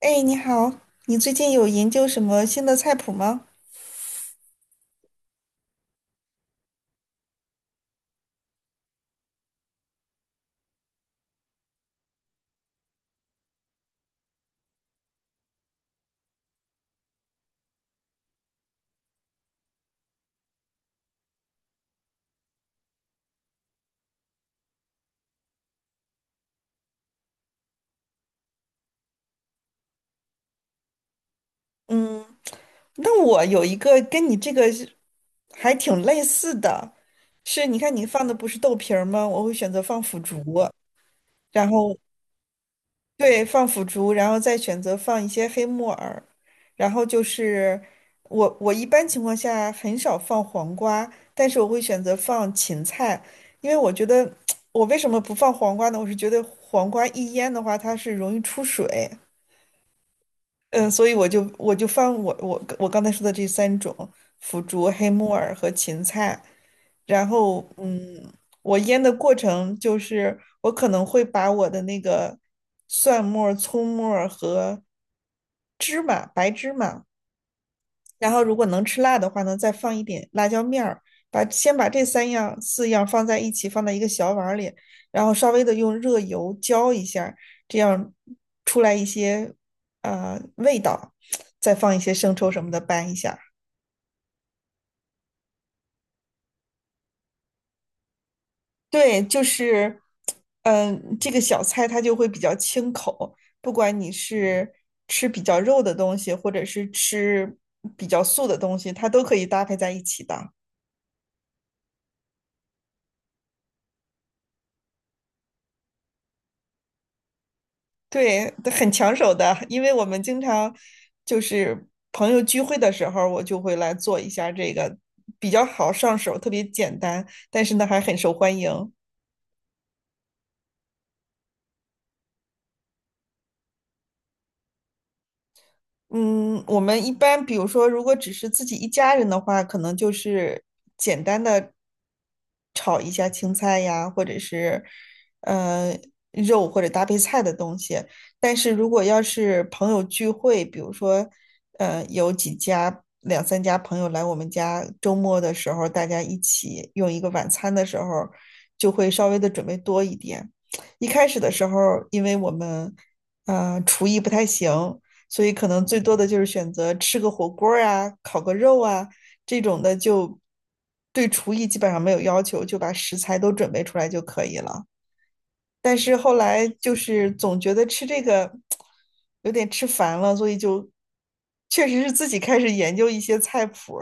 哎，你好，你最近有研究什么新的菜谱吗？嗯，那我有一个跟你这个是还挺类似的，是你看你放的不是豆皮儿吗？我会选择放腐竹，然后对，放腐竹，然后再选择放一些黑木耳，然后就是我一般情况下很少放黄瓜，但是我会选择放芹菜，因为我觉得 我为什么不放黄瓜呢？我是觉得黄瓜一腌的话，它是容易出水。嗯，所以我就放我刚才说的这三种腐竹、黑木耳和芹菜，然后我腌的过程就是我可能会把我的那个蒜末儿葱末儿和芝麻、白芝麻，然后如果能吃辣的话呢，再放一点辣椒面儿，先把这三样四样放在一起，放在一个小碗里，然后稍微的用热油浇一下，这样出来一些味道，再放一些生抽什么的拌一下。对，就是这个小菜它就会比较清口，不管你是吃比较肉的东西，或者是吃比较素的东西，它都可以搭配在一起的。对，很抢手的，因为我们经常就是朋友聚会的时候，我就会来做一下这个，比较好上手，特别简单，但是呢还很受欢迎。嗯，我们一般比如说，如果只是自己一家人的话，可能就是简单的炒一下青菜呀，或者是呃肉或者搭配菜的东西。但是如果要是朋友聚会，比如说有几家两三家朋友来我们家，周末的时候大家一起用一个晚餐的时候，就会稍微的准备多一点。一开始的时候，因为我们厨艺不太行。所以可能最多的就是选择吃个火锅啊、烤个肉啊这种的，就对厨艺基本上没有要求，就把食材都准备出来就可以了。但是后来就是总觉得吃这个有点吃烦了，所以就确实是自己开始研究一些菜谱，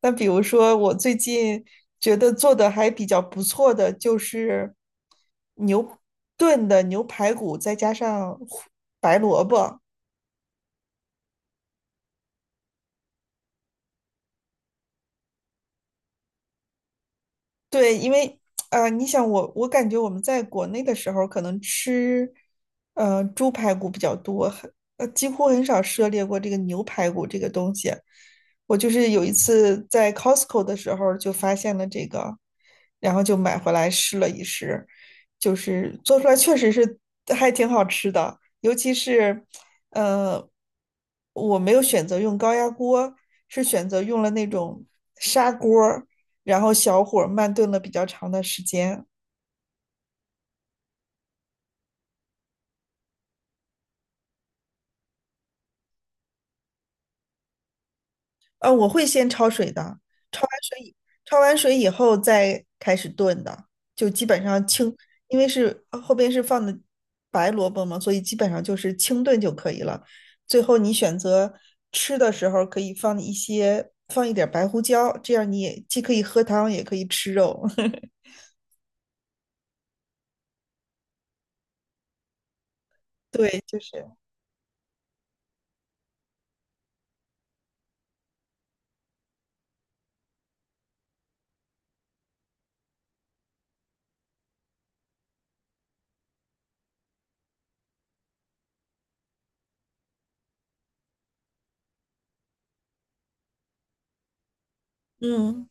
那比如说我最近觉得做的还比较不错的就是牛炖的牛排骨，再加上胡白萝卜。对，因为你想我，我感觉我们在国内的时候，可能吃猪排骨比较多，很几乎很少涉猎过这个牛排骨这个东西。我就是有一次在 Costco 的时候就发现了这个，然后就买回来试了一试，就是做出来确实是还挺好吃的，尤其是呃，我没有选择用高压锅，是选择用了那种砂锅。然后小火慢炖了比较长的时间。我会先焯水的，焯完水以，焯完水以后再开始炖的，就基本上清，因为是后边是放的白萝卜嘛，所以基本上就是清炖就可以了。最后你选择吃的时候可以放一些，放一点白胡椒，这样你也既可以喝汤，也可以吃肉。对，就是，嗯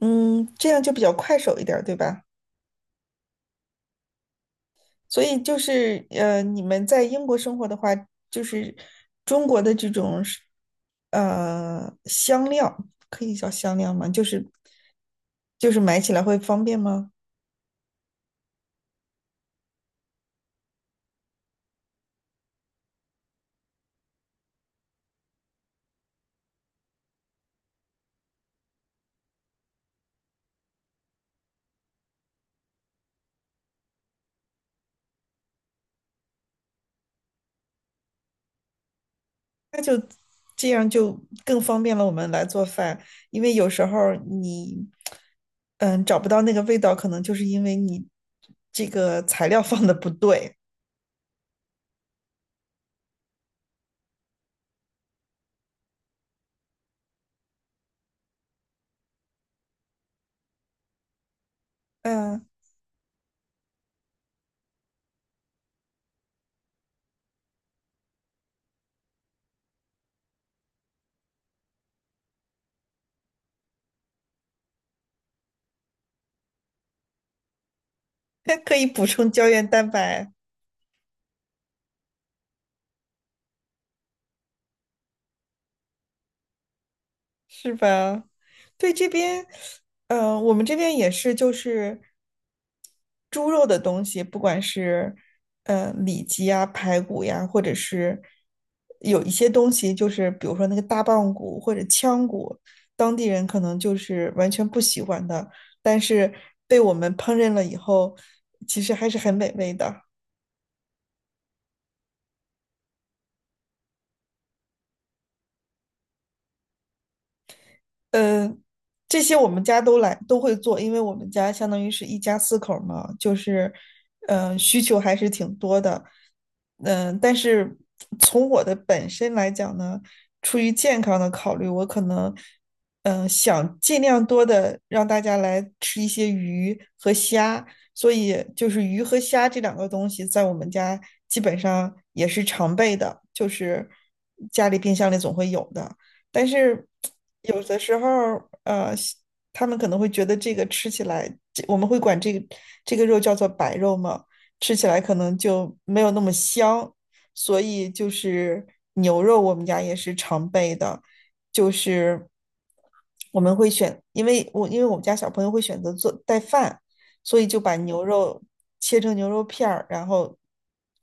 嗯，这样就比较快手一点对吧？所以就是你们在英国生活的话，就是中国的这种是香料，可以叫香料吗？就是买起来会方便吗？那就这样就更方便了我们来做饭，因为有时候儿你嗯找不到那个味道，可能就是因为你这个材料放的不对。嗯，可以补充胶原蛋白。是吧？对，这边，我们这边也是，就是猪肉的东西，不管是里脊呀、排骨呀，或者是有一些东西，就是比如说那个大棒骨或者腔骨，当地人可能就是完全不喜欢的，但是被我们烹饪了以后，其实还是很美味的。嗯，这些我们家都来都会做，因为我们家相当于是一家四口儿嘛，就是，嗯，需求还是挺多的。嗯，但是从我的本身来讲呢，出于健康的考虑，我可能，嗯，想尽量多的让大家来吃一些鱼和虾，所以就是鱼和虾这两个东西在我们家基本上也是常备的，就是家里冰箱里总会有的。但是有的时候呃，他们可能会觉得这个吃起来，这我们会管这个肉叫做白肉嘛，吃起来可能就没有那么香，所以就是牛肉我们家也是常备的，就是我们会选，因为我们家小朋友会选择做带饭，所以就把牛肉切成牛肉片儿，然后。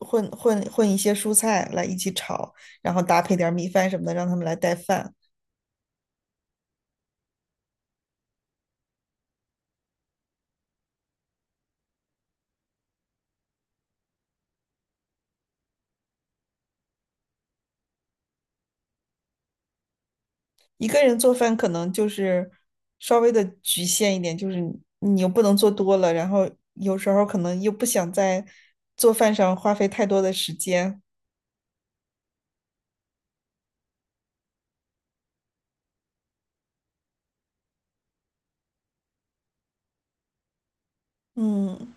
混一些蔬菜来一起炒，然后搭配点儿米饭什么的，让他们来带饭。一个人做饭可能就是稍微的局限一点，就是你又不能做多了，然后有时候可能又不想在做饭上花费太多的时间，嗯，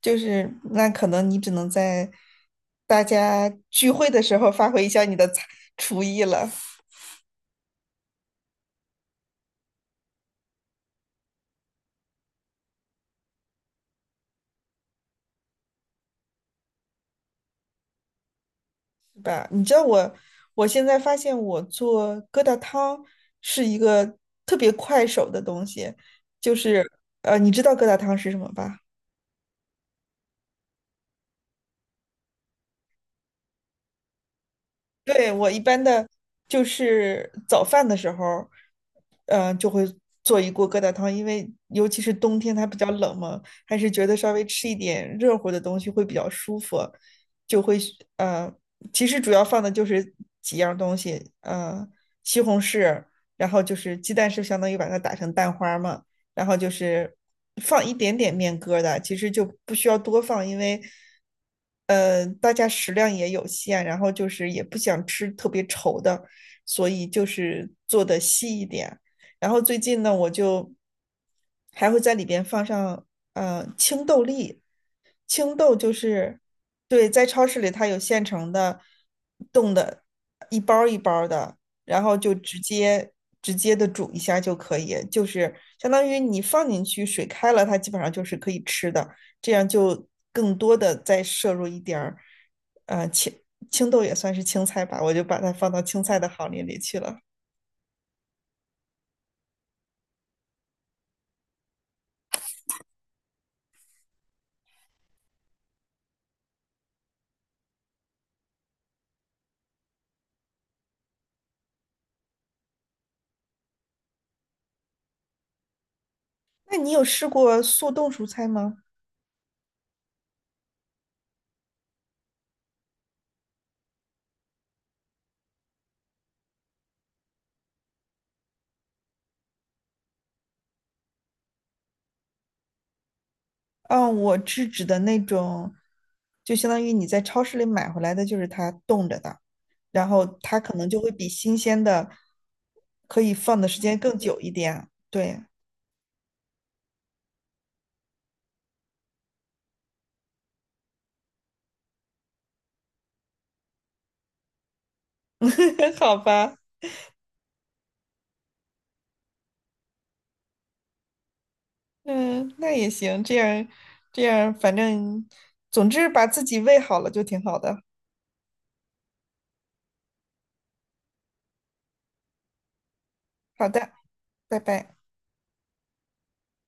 就是那可能你只能在大家聚会的时候发挥一下你的才厨艺了，是吧？你知道我现在发现我做疙瘩汤是一个特别快手的东西，就是你知道疙瘩汤是什么吧？对，我一般的就是早饭的时候，嗯、就会做一锅疙瘩汤，因为尤其是冬天它比较冷嘛，还是觉得稍微吃一点热乎的东西会比较舒服，就会呃，其实主要放的就是几样东西，嗯，西红柿，然后就是鸡蛋是相当于把它打成蛋花儿嘛，然后就是放一点点面疙瘩，其实就不需要多放，因为大家食量也有限，然后就是也不想吃特别稠的，所以就是做的稀一点。然后最近呢，我就还会在里边放上青豆粒，青豆就是对，在超市里它有现成的冻的，一包儿一包儿的。然后就直接直接的煮一下就可以，就是相当于你放进去，水开了，它基本上就是可以吃的，这样就更多的再摄入一点儿，呃，青青豆也算是青菜吧，我就把它放到青菜的行列里去了。那你有试过速冻蔬菜吗？嗯，我是指的那种，就相当于你在超市里买回来的，就是它冻着的，然后它可能就会比新鲜的可以放的时间更久一点，对。好吧，嗯，那也行，这样，反正总之把自己喂好了就挺好的。好的，拜拜。